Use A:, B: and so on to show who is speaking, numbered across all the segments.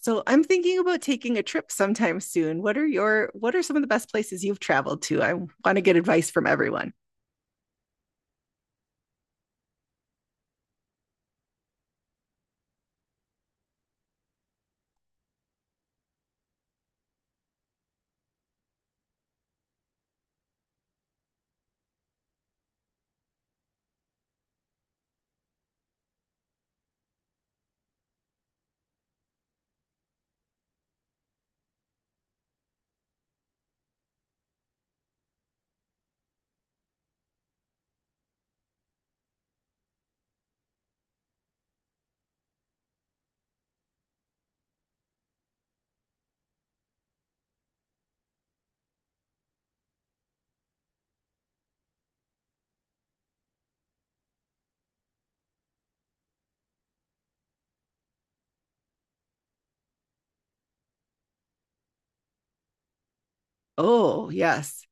A: So I'm thinking about taking a trip sometime soon. What are some of the best places you've traveled to? I want to get advice from everyone. Oh, yes.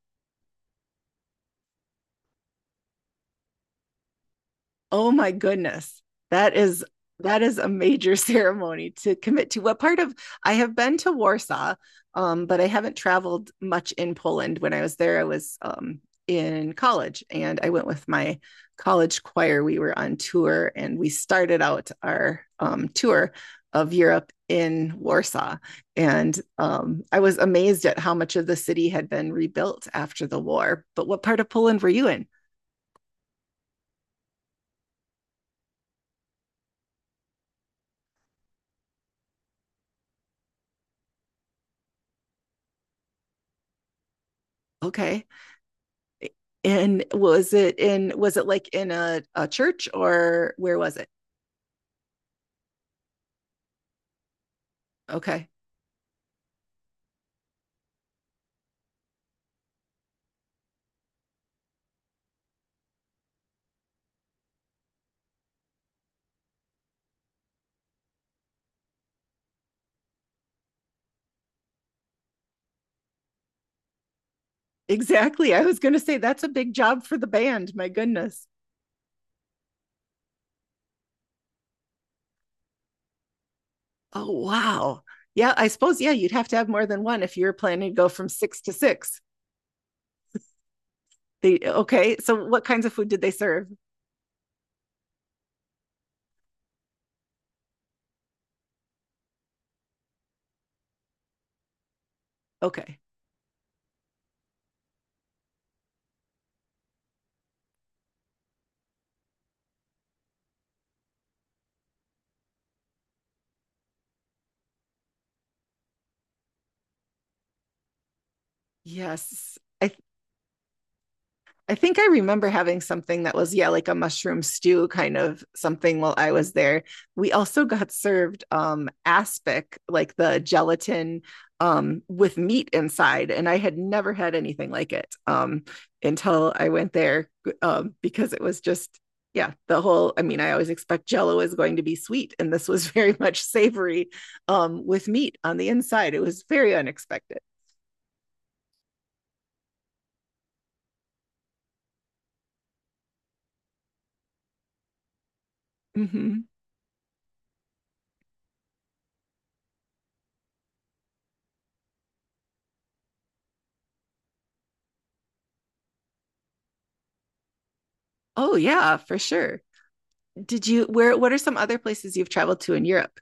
A: Oh my goodness. That is that is a major ceremony to commit to. What part of I have been to Warsaw, but I haven't traveled much in Poland. When I was there, I was in college and I went with my college choir. We were on tour and we started out our tour of Europe in Warsaw. And I was amazed at how much of the city had been rebuilt after the war. But what part of Poland were you in? Okay. And was it like in a church or where was it? Okay. Exactly. I was gonna say that's a big job for the band. My goodness. Oh wow. Yeah, I suppose, yeah, you'd have to have more than one if you were planning to go from six to six. They, okay. So what kinds of food did they serve? Okay. Yes. I think I remember having something that was, yeah, like a mushroom stew kind of something while I was there. We also got served aspic, like the gelatin with meat inside, and I had never had anything like it until I went there because it was just, yeah, the whole I always expect jello is going to be sweet and this was very much savory with meat on the inside. It was very unexpected. Mm-hmm. Oh yeah, for sure. Did you where what are some other places you've traveled to in Europe?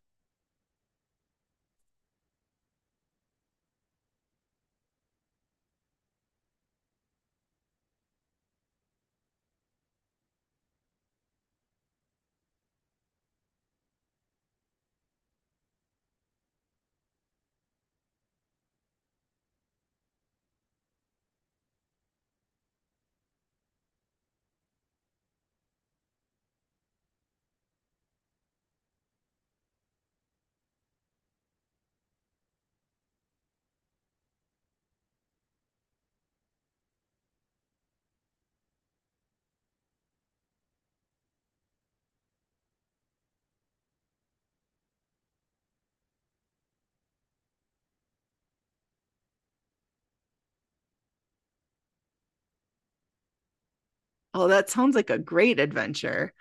A: Oh, that sounds like a great adventure.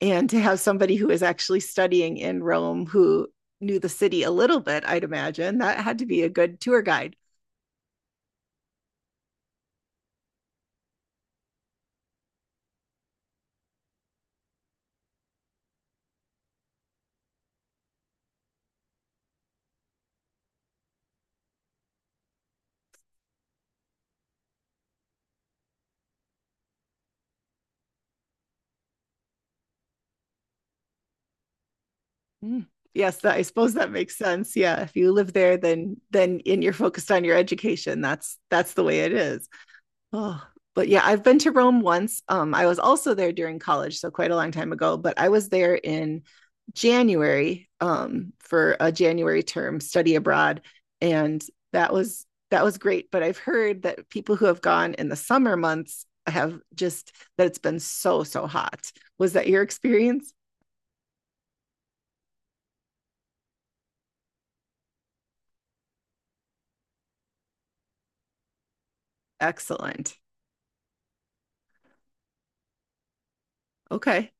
A: And to have somebody who is actually studying in Rome who knew the city a little bit, I'd imagine that had to be a good tour guide. Mm. Yes, that, I suppose that makes sense. Yeah, if you live there, then and you're focused on your education, that's the way it is. Oh, but yeah, I've been to Rome once. I was also there during college, so quite a long time ago, but I was there in January, for a January term study abroad, and that was that was great. But I've heard that people who have gone in the summer months have just that it's been so, so hot. Was that your experience? Excellent. Okay.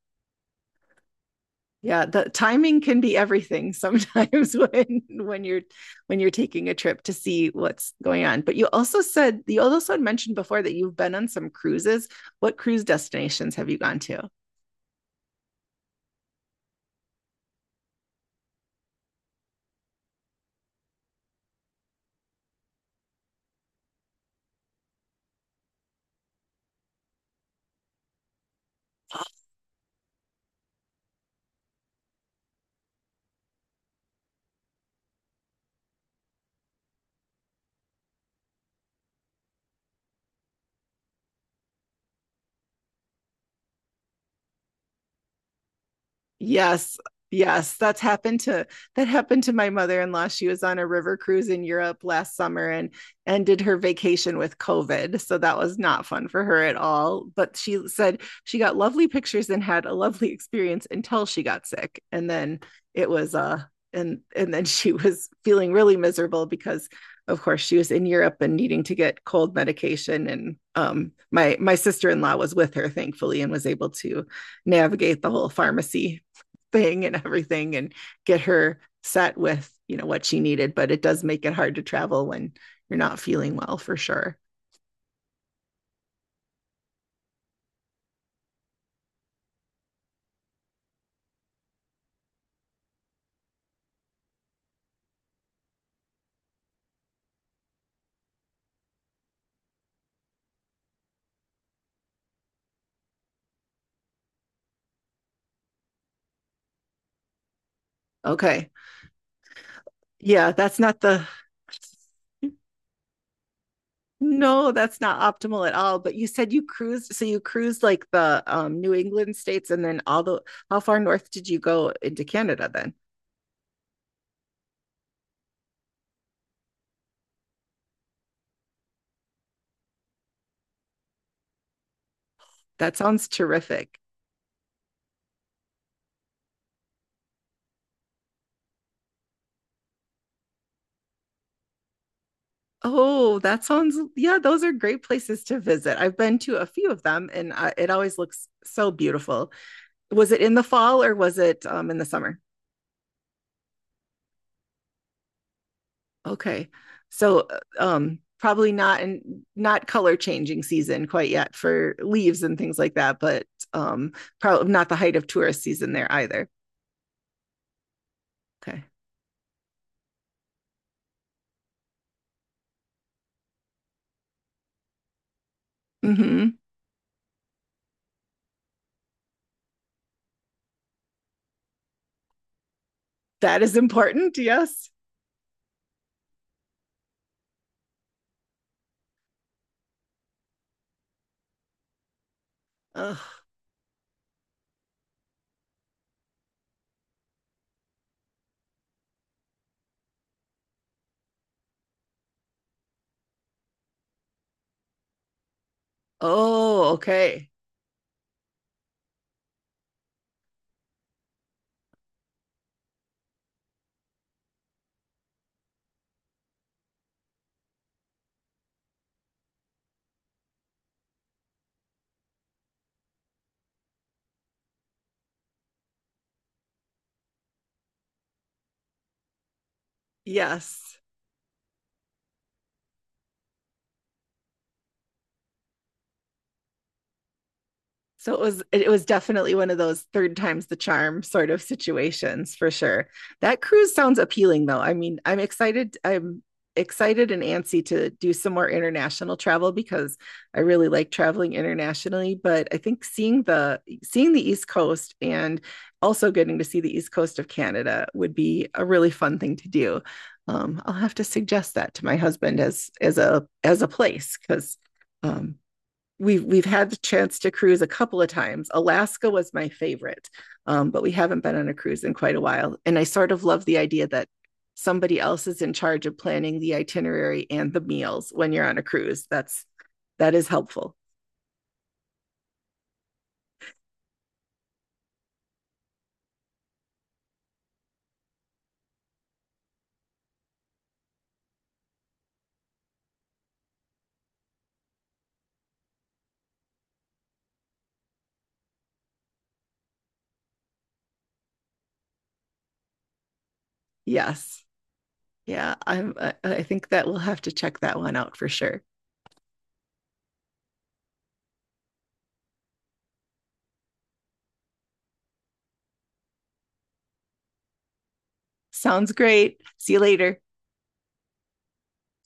A: Yeah, the timing can be everything sometimes when you're when you're taking a trip to see what's going on. But you also had mentioned before that you've been on some cruises. What cruise destinations have you gone to? Yes. Yes, that happened to my mother-in-law. She was on a river cruise in Europe last summer and ended her vacation with COVID. So that was not fun for her at all, but she said she got lovely pictures and had a lovely experience until she got sick. And then it was and then she was feeling really miserable because of course she was in Europe and needing to get cold medication and my sister-in-law was with her, thankfully, and was able to navigate the whole pharmacy thing and everything and get her set with what she needed. But it does make it hard to travel when you're not feeling well, for sure. Okay. Yeah, that's not the, no, that's not optimal at all. But you said you cruised, so you cruised like the New England states, and then all the, how far north did you go into Canada then? That sounds terrific. Oh, that sounds, yeah, those are great places to visit. I've been to a few of them, and I, it always looks so beautiful. Was it in the fall or was it in the summer? Okay, so probably not in, not color changing season quite yet for leaves and things like that, but um, probably not the height of tourist season there either. Okay, mm-hmm. That is important. Yes. Ugh. Oh, okay. Yes. So it was definitely one of those third times the charm sort of situations, for sure. That cruise sounds appealing, though. I'm excited. I'm excited and antsy to do some more international travel because I really like traveling internationally, but I think seeing the East Coast, and also getting to see the East Coast of Canada, would be a really fun thing to do. I'll have to suggest that to my husband as a place because um, we've had the chance to cruise a couple of times. Alaska was my favorite, but we haven't been on a cruise in quite a while. And I sort of love the idea that somebody else is in charge of planning the itinerary and the meals when you're on a cruise. That is helpful. Yes, yeah, I think that we'll have to check that one out for sure. Sounds great. See you later.